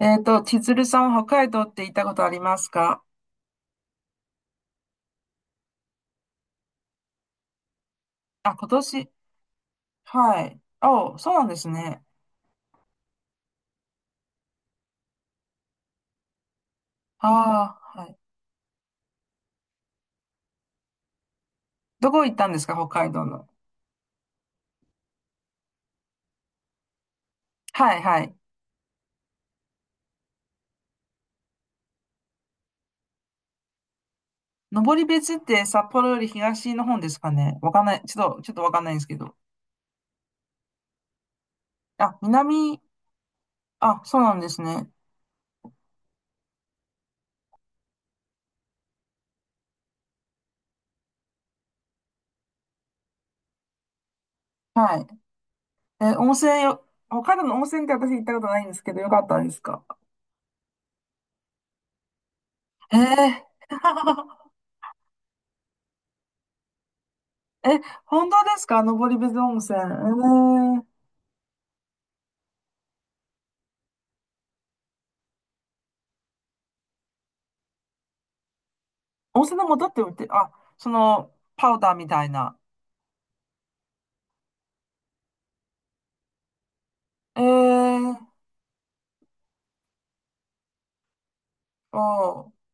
千鶴さんは北海道って行ったことありますか？あ、今年。はい。お、そうなんですね。ああ、はい。どこ行ったんですか、北海道の。はいはい。登別って札幌より東の方ですかね。わかんない。ちょっと、ちょっとわかんないんですけど。あ、南、あ、そうなんですね。はい。え、温泉よ、北海道の温泉って私行ったことないんですけど、よかったですか？えー、え、本当ですか登別温泉。えー、温泉の素って売って、あ、その、パウダーみたいな。えー、おー、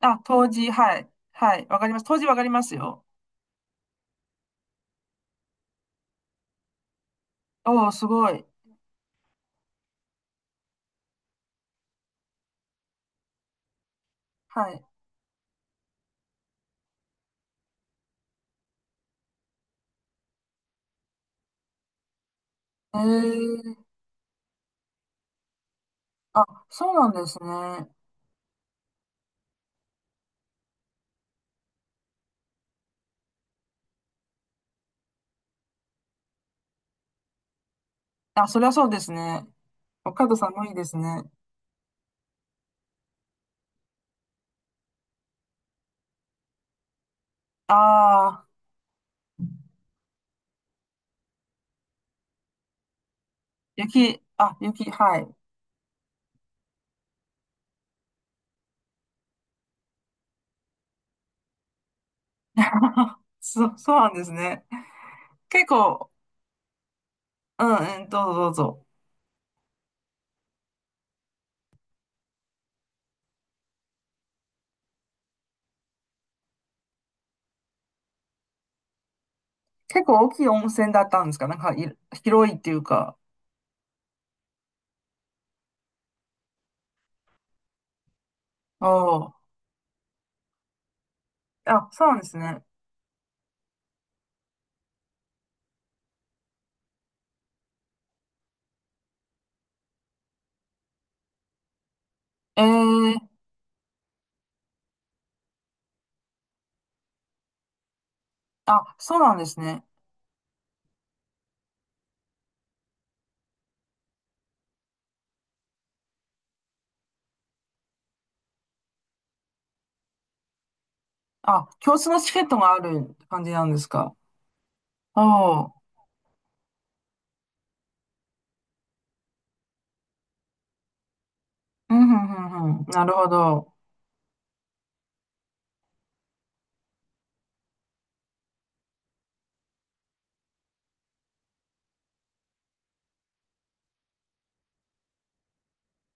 あ、当時、はい、はい、わかります。当時わかりますよ。おー、すごい。はい。えー、あ、そうなんですね。あ、そりゃそうですね。北海道寒いですね。ああ雪、あ、雪、はい。そう、そうなんですね。結構、うん、うん、どうぞどうぞ。結構大きい温泉だったんですか、なんかい、広いっていうか。おー、あ、そうなんですね。ええ、あ、そうなんですね。あ、共通のチケットがある感じなんですか。おおー、うん、うん、うん、うん。なるほど。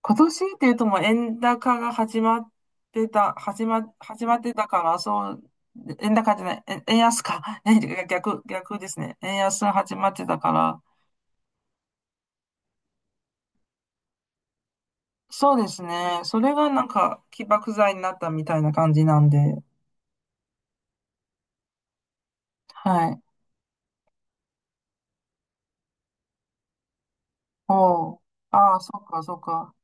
今年っていうともう円高が始まってた、始ま、始まってたから、そう、円高じゃない、円安か。ね逆、逆ですね。円安が始まってたから、そうですね。それがなんか起爆剤になったみたいな感じなんで。はい。おお、ああ、そっか、そっか。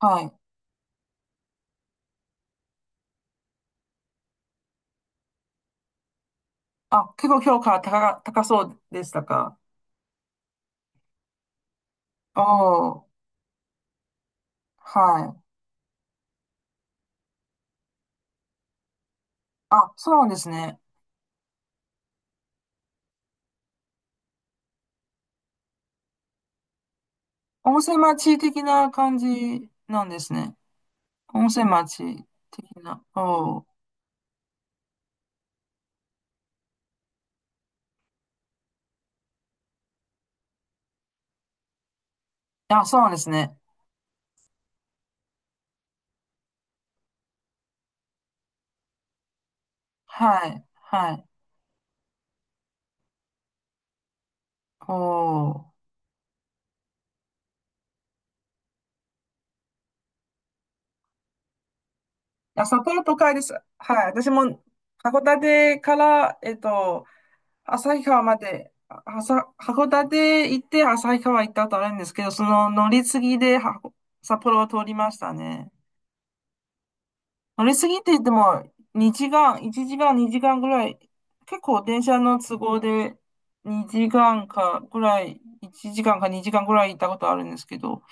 はい。あ、結構評価高か、高そうでしたか。おー、はい。あ、そうなんですね。温泉町的な感じなんですね。温泉町的な。おー。あ、そうなんですね。はい、はい。おー。あ、札幌都会です。はい。私も、函館から、旭川まで、あはさ、函館行って旭川行ったことあるんですけど、その乗り継ぎでは札幌を通りましたね。乗りすぎって言っても、2時間、1時間、2時間ぐらい、結構電車の都合で2時間かぐらい、1時間か2時間ぐらい行ったことあるんですけど、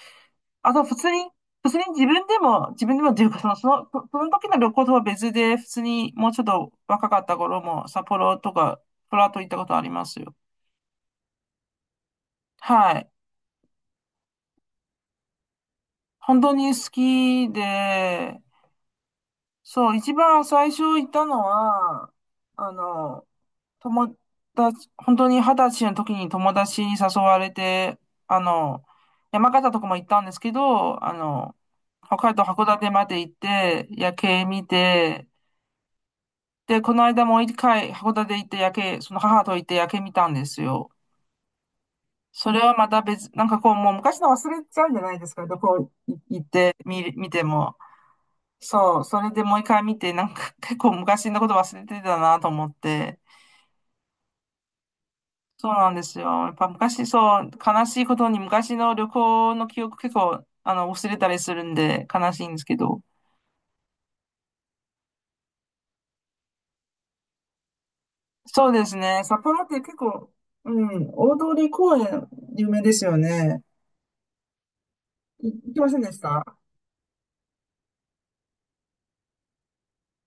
あと普通に、普通に自分でも、自分でもっていうか、その、その時の旅行とは別で、普通にもうちょっと若かった頃も、札幌とか、プラート行ったことありますよ。はい。本当に好きで、そう、一番最初行ったのは、あの、友達、本当に二十歳の時に友達に誘われて、あの、山形とかも行ったんですけど、北海道函館まで行って、夜景見て、で、この間もう一回函館行って夜景、その母と行って夜景見たんですよ。それはまた別、なんかこう、もう昔の忘れちゃうんじゃないですか、どこ行って見る、見ても。そう、それでもう一回見て、なんか 結構昔のこと忘れてたなと思って、そうなんですよ。やっぱ昔、そう、悲しいことに昔の旅行の記憶結構、忘れたりするんで悲しいんですけど。そうですね。札幌って結構、うん、大通公園有名ですよね。い行きませんでした？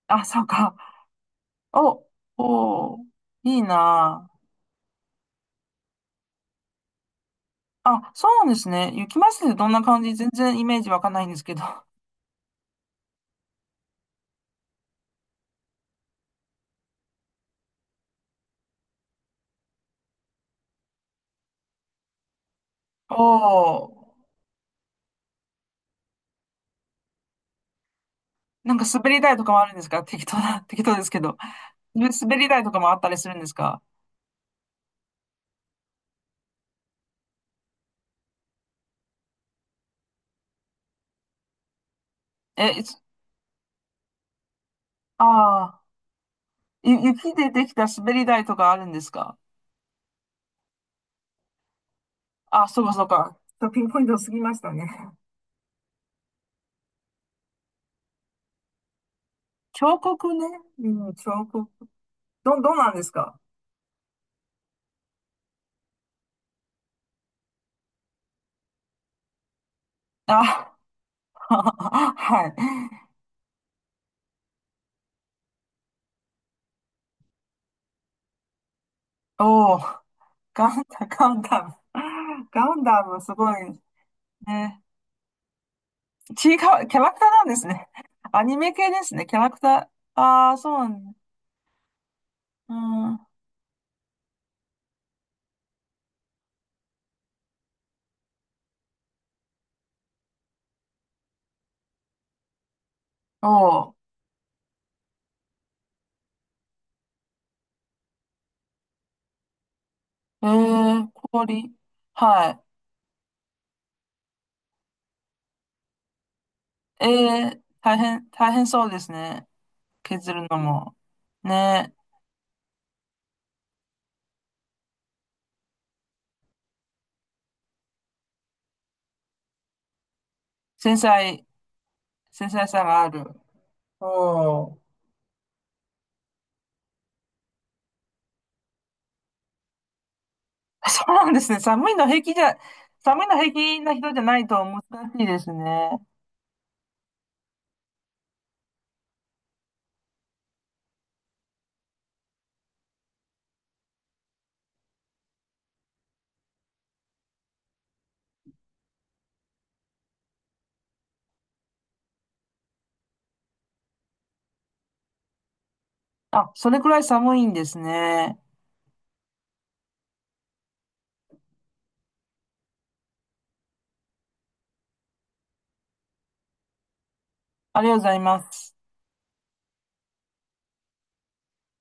あ、そうか。お、おー、いいなあ。あ、そうなんですね。雪まつりってどんな感じ、全然イメージわかんないんですけど。おー、なんか滑り台とかもあるんですか、適当な、適当ですけど。滑り台とかもあったりするんですか？え、ああ、ゆ、雪でできた滑り台とかあるんですか？あ、そうかそうか。ちょっとピンポイント過ぎましたね。彫刻ね。うん、彫刻。ど、どうなんですか？あ、はい。おおガンダ、ガンダム。ガンダム、すごい。ね。ちいかわ、キャラクターなんですね。アニメ系ですね。キャラクター。ああ、そうなんだ。うん。おおえー、氷。はい。えー、大変、大変そうですね。削るのも、ね、繊細、繊細さがある。おー。そうなんですね。寒いの平気じゃ、寒いの平気な人じゃないと難しいですね。あ、それくらい寒いんですね。ありがとうございます。